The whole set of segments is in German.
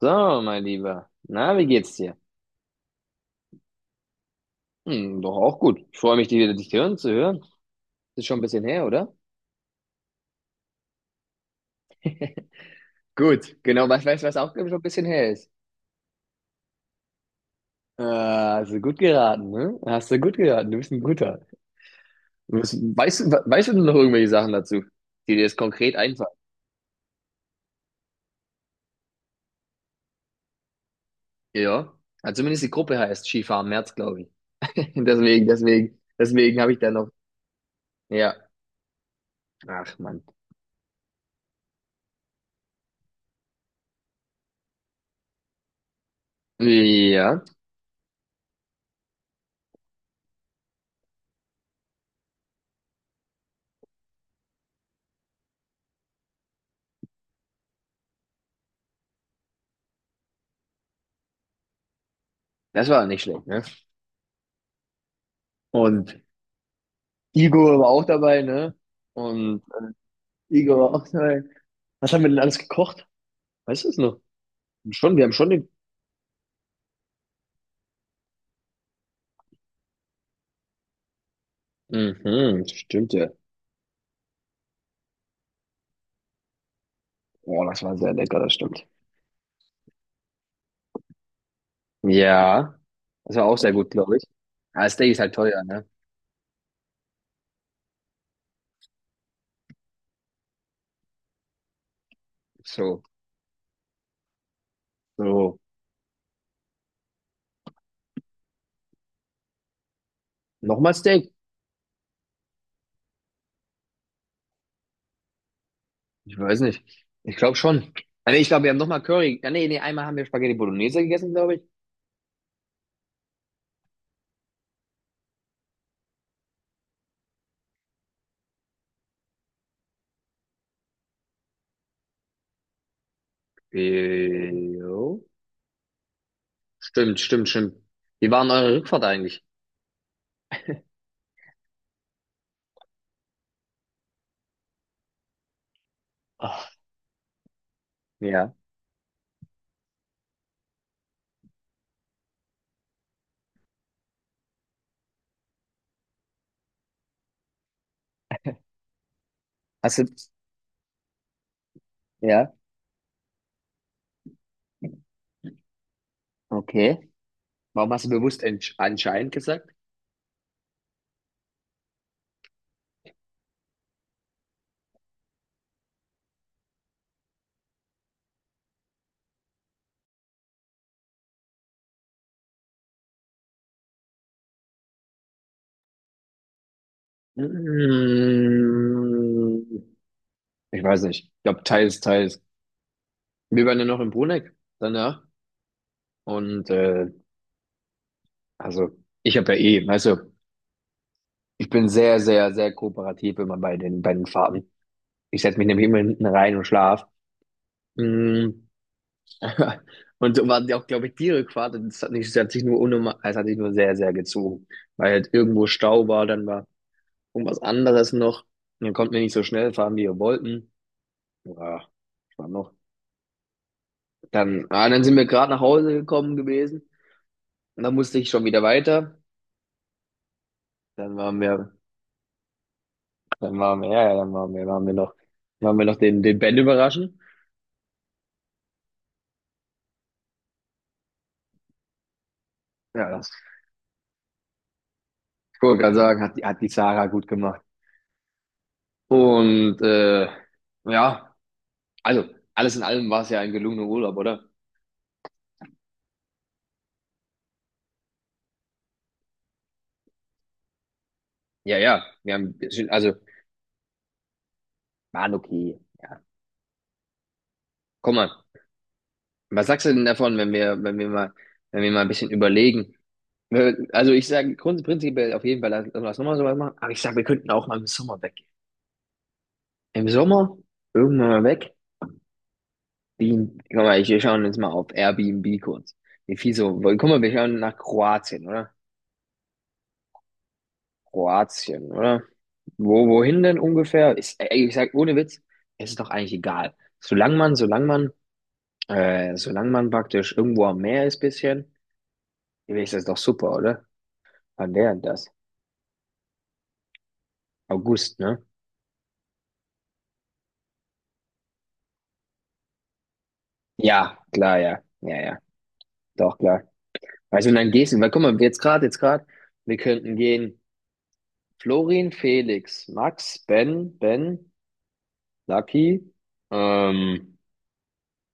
So, mein Lieber. Na, wie geht's dir? Hm, doch auch gut. Ich freue mich, dich wieder dich hören zu hören. Ist schon ein bisschen her, oder? Gut, genau. Was weißt du, was auch schon ein bisschen her ist? Hast du gut geraten, ne? Hast du gut geraten. Du bist ein Guter. Du bist, weißt, du- Weißt du noch irgendwelche Sachen dazu, die dir jetzt konkret einfallen? Ja. Also zumindest die Gruppe heißt Skifahren März, glaube ich. Deswegen habe ich da noch. Ja. Ach, Mann. Ja, das war nicht schlecht, ne? Und Igor war auch dabei, ne? Und Igor war auch dabei. Was haben wir denn alles gekocht? Weißt du es noch? Schon, wir haben schon den. Mhm, stimmt ja. Oh, das war sehr lecker, das stimmt. Ja, das war auch sehr gut, glaube ich. Ah, Steak ist halt teuer, ne? So, so. Nochmal Steak? Ich weiß nicht. Ich glaube schon. Ah, nee, ich glaube, wir haben nochmal Curry. Ah, nee, nee, einmal haben wir Spaghetti Bolognese gegessen, glaube ich. Äh, Jo. Stimmt, stimmt, stimmt. Wie war denn eure Rückfahrt eigentlich? Ach, ja. Hast du, ja, okay. Warum hast du bewusst anscheinend gesagt? Mm, Ich weiß nicht. Ich glaube, teils, teils. Wir waren ja noch in Bruneck danach. Und also, ich habe ja eh, weißt du, ich bin sehr, sehr, sehr kooperativ immer bei den Fahrten. Ich setze mich nämlich immer hinten rein und schlaf. Mm, Und so waren die auch, glaube ich, die Rückfahrt. Und das hat nicht, das hat sich nur unnormal, es hat sich nur sehr, sehr gezogen. Weil halt irgendwo Stau war, dann war irgendwas anderes noch. Und dann konnten wir nicht so schnell fahren, wie wir wollten. Ja, das war noch. Dann sind wir gerade nach Hause gekommen gewesen. Und dann musste ich schon wieder weiter. Dann waren wir, dann waren wir, ja, ja, waren wir noch den Ben überraschen. Ja, das kann man sagen, hat die Sarah gut gemacht. Und ja, also alles in allem war es ja ein gelungener Urlaub, oder? Ja, ja, wir haben, also, waren okay. Ja. Guck mal, was sagst du denn davon, wenn wir, wenn wir mal ein bisschen überlegen? Also, ich sage prinzipiell auf jeden Fall, lass nochmal sowas machen, aber ich sage, wir könnten auch mal im Sommer weg. Im Sommer, irgendwann mal weg. Guck mal, wir schauen jetzt mal auf Airbnb kurz. Wie viel so, weil, guck mal, wir schauen nach Kroatien, oder? Kroatien, oder? Wohin denn ungefähr? Ey, ich sag, ohne Witz, es ist doch eigentlich egal. Solange man praktisch irgendwo am Meer ist, bisschen, ist das doch super, oder? Wann wäre denn das? August, ne? Ja, klar, ja. Ja, ja, doch, klar. Weißt du, und dann gehst du, weil guck mal, jetzt gerade, wir könnten gehen Florin, Felix, Max, Ben, Ben, Lucky, ähm,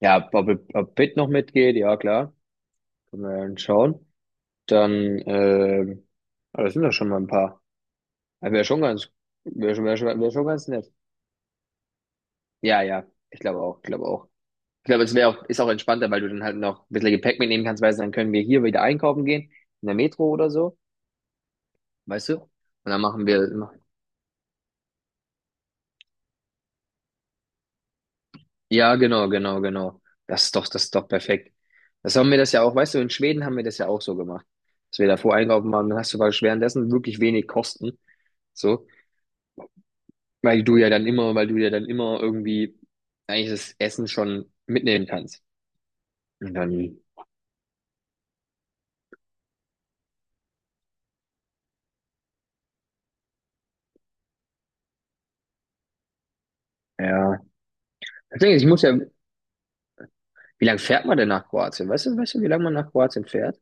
ja, ob Pitt noch mitgeht, ja, klar, können wir ja dann schauen. Dann, das sind doch schon mal ein paar. Wäre schon ganz, wäre schon, wär schon, wär schon ganz nett. Ja, ja, ich glaube auch, ich glaube auch. Ich glaube, es wäre auch, ist auch entspannter, weil du dann halt noch ein bisschen Gepäck mitnehmen kannst, weißt du, dann können wir hier wieder einkaufen gehen, in der Metro oder so, weißt du? Und dann ja, genau, genau, genau. Das ist doch perfekt. Das haben wir das ja auch, weißt du, in Schweden haben wir das ja auch so gemacht, dass wir davor einkaufen waren, dann hast du praktisch währenddessen wirklich wenig Kosten, so, weil du ja dann immer, weil du ja dann immer irgendwie eigentlich das Essen schon mitnehmen kannst. Und dann, ja. Deswegen, ich muss ja, wie lange fährt man denn nach Kroatien? Weißt du, wie lange man nach Kroatien fährt?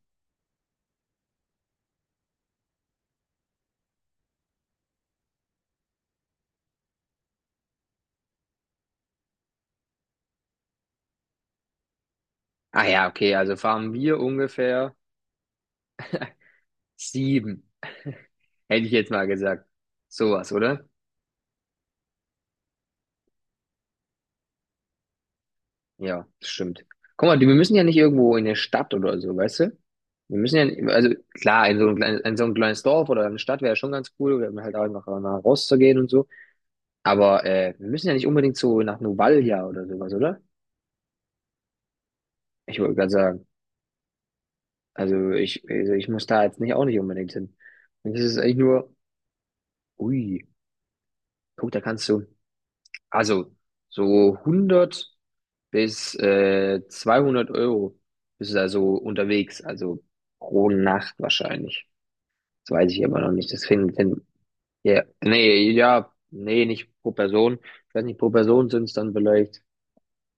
Ah ja, okay, also waren wir ungefähr sieben, hätte ich jetzt mal gesagt. Sowas, oder? Ja, das stimmt. Guck mal, wir müssen ja nicht irgendwo in der Stadt oder so, weißt du? Wir müssen ja, also klar, in so ein kleines Dorf oder eine Stadt wäre schon ganz cool, oder halt auch einfach mal rauszugehen und so. Aber wir müssen ja nicht unbedingt so nach Novalia oder sowas, oder? Ich wollte gerade sagen. Also ich muss da jetzt nicht auch nicht unbedingt hin. Und das ist eigentlich nur, ui, guck, da kannst du, also so 100 bis 200 € bist du also unterwegs, also pro Nacht wahrscheinlich. Das weiß ich aber noch nicht. Das finden, finden, ja, nee, nicht pro Person. Ich weiß nicht, pro Person sind es dann vielleicht,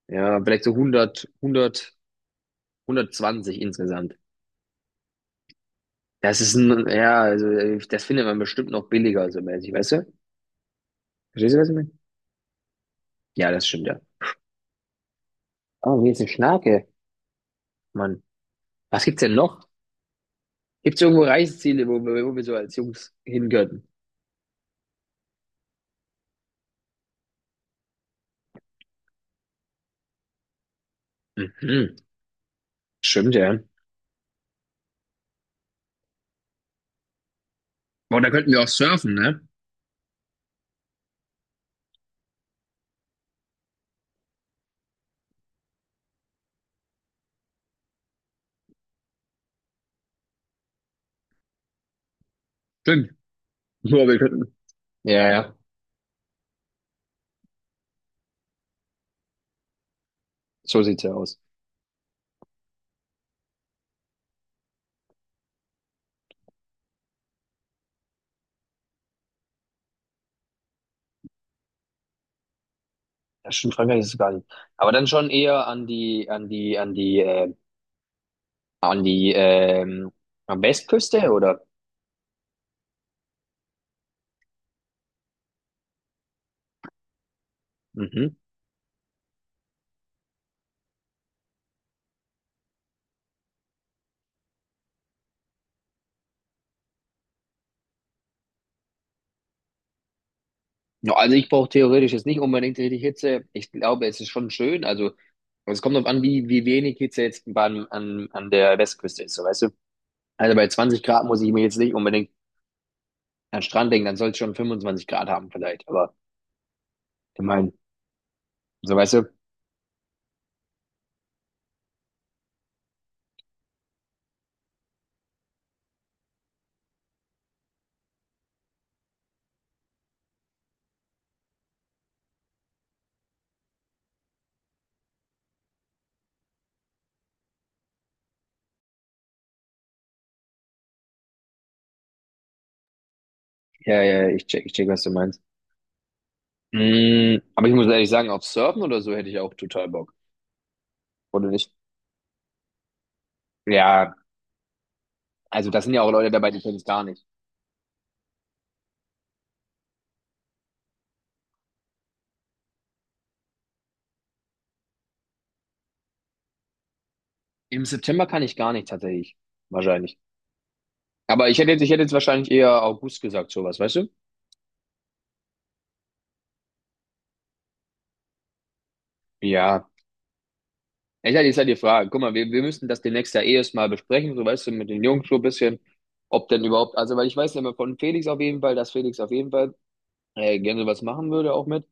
ja, vielleicht so 100, 100, 120 insgesamt. Das ist ein, ja, also das findet man bestimmt noch billiger, so mäßig, weißt du? Verstehst du, was ich meine? Ja, das stimmt, ja. Oh, hier ist eine Schnake, Mann. Was gibt's denn noch? Gibt's irgendwo Reiseziele, wo wir so als Jungs hingehören? Mhm. Stimmt, ja. Boah, da könnten wir auch surfen, ne? Stimmt. Nur wir könnten. Ja, ja. So sieht's ja aus. Ja, stimmt, Frankreich ist es gar nicht. Aber dann schon eher an die, ähm, am Westküste, oder? Mhm. Ja, also ich brauche theoretisch jetzt nicht unbedingt richtig Hitze. Ich glaube, es ist schon schön. Also es kommt darauf an, wie wenig Hitze jetzt an der Westküste ist, so weißt du? Also bei 20 Grad muss ich mir jetzt nicht unbedingt an den Strand denken, dann soll es schon 25 Grad haben vielleicht. Aber ich meine, so weißt du, ja, ja, ich check, was du meinst. Aber ich muss ehrlich sagen, auf Surfen oder so hätte ich auch total Bock. Oder nicht? Ja, also das sind ja auch Leute dabei, die können es gar nicht. Im September kann ich gar nicht tatsächlich. Wahrscheinlich. Aber ich hätte jetzt wahrscheinlich eher August gesagt, sowas, weißt du? Ja. Ich hatte jetzt halt die Frage, guck mal, wir müssen das demnächst ja eh erst mal besprechen, so weißt du, mit den Jungs so ein bisschen, ob denn überhaupt, also weil ich weiß ja immer von Felix auf jeden Fall, dass Felix auf jeden Fall gerne was machen würde auch mit,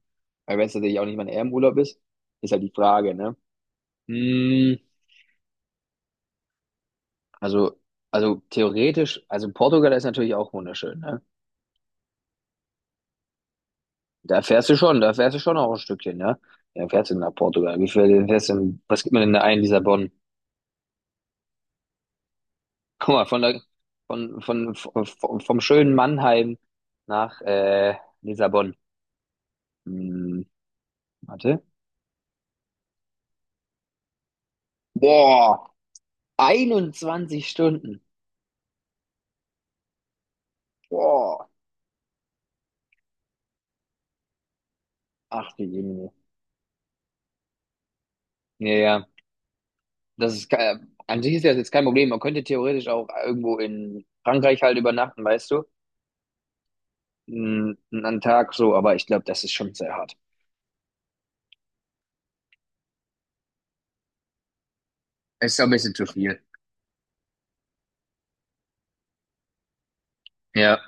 weil wenn es natürlich auch nicht mein Ehrenurlaub ist, ist halt die Frage, ne? Hm, Also, also theoretisch, also Portugal ist natürlich auch wunderschön, ne? Da fährst du schon, da fährst du schon auch ein Stückchen, ne? Ja, fährst du nach Portugal? Wie viel fährst du denn, was gibt man denn da ein, Lissabon? Guck mal, von der, von, vom, vom schönen Mannheim nach, Lissabon. Hm, Warte. Boah, 21 Stunden. Boah, ach die Jemine. Ja, ja, das ist, ke- an sich ist das jetzt kein Problem. Man könnte theoretisch auch irgendwo in Frankreich halt übernachten, weißt du? Einen Tag so, aber ich glaube, das ist schon sehr hart. Ist doch ein bisschen zu viel. Ja.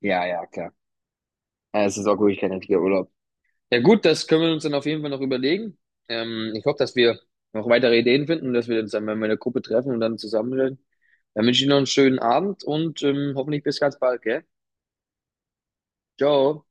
Ja, ja, klar. Ja, es ist auch wirklich kein richtiger Urlaub. Ja gut, das können wir uns dann auf jeden Fall noch überlegen. Ich hoffe, dass wir noch weitere Ideen finden und dass wir uns dann, wenn wir in Gruppe treffen und dann zusammenreden. Dann wünsche ich dir noch einen schönen Abend und hoffentlich bis ganz bald, gell? Ciao.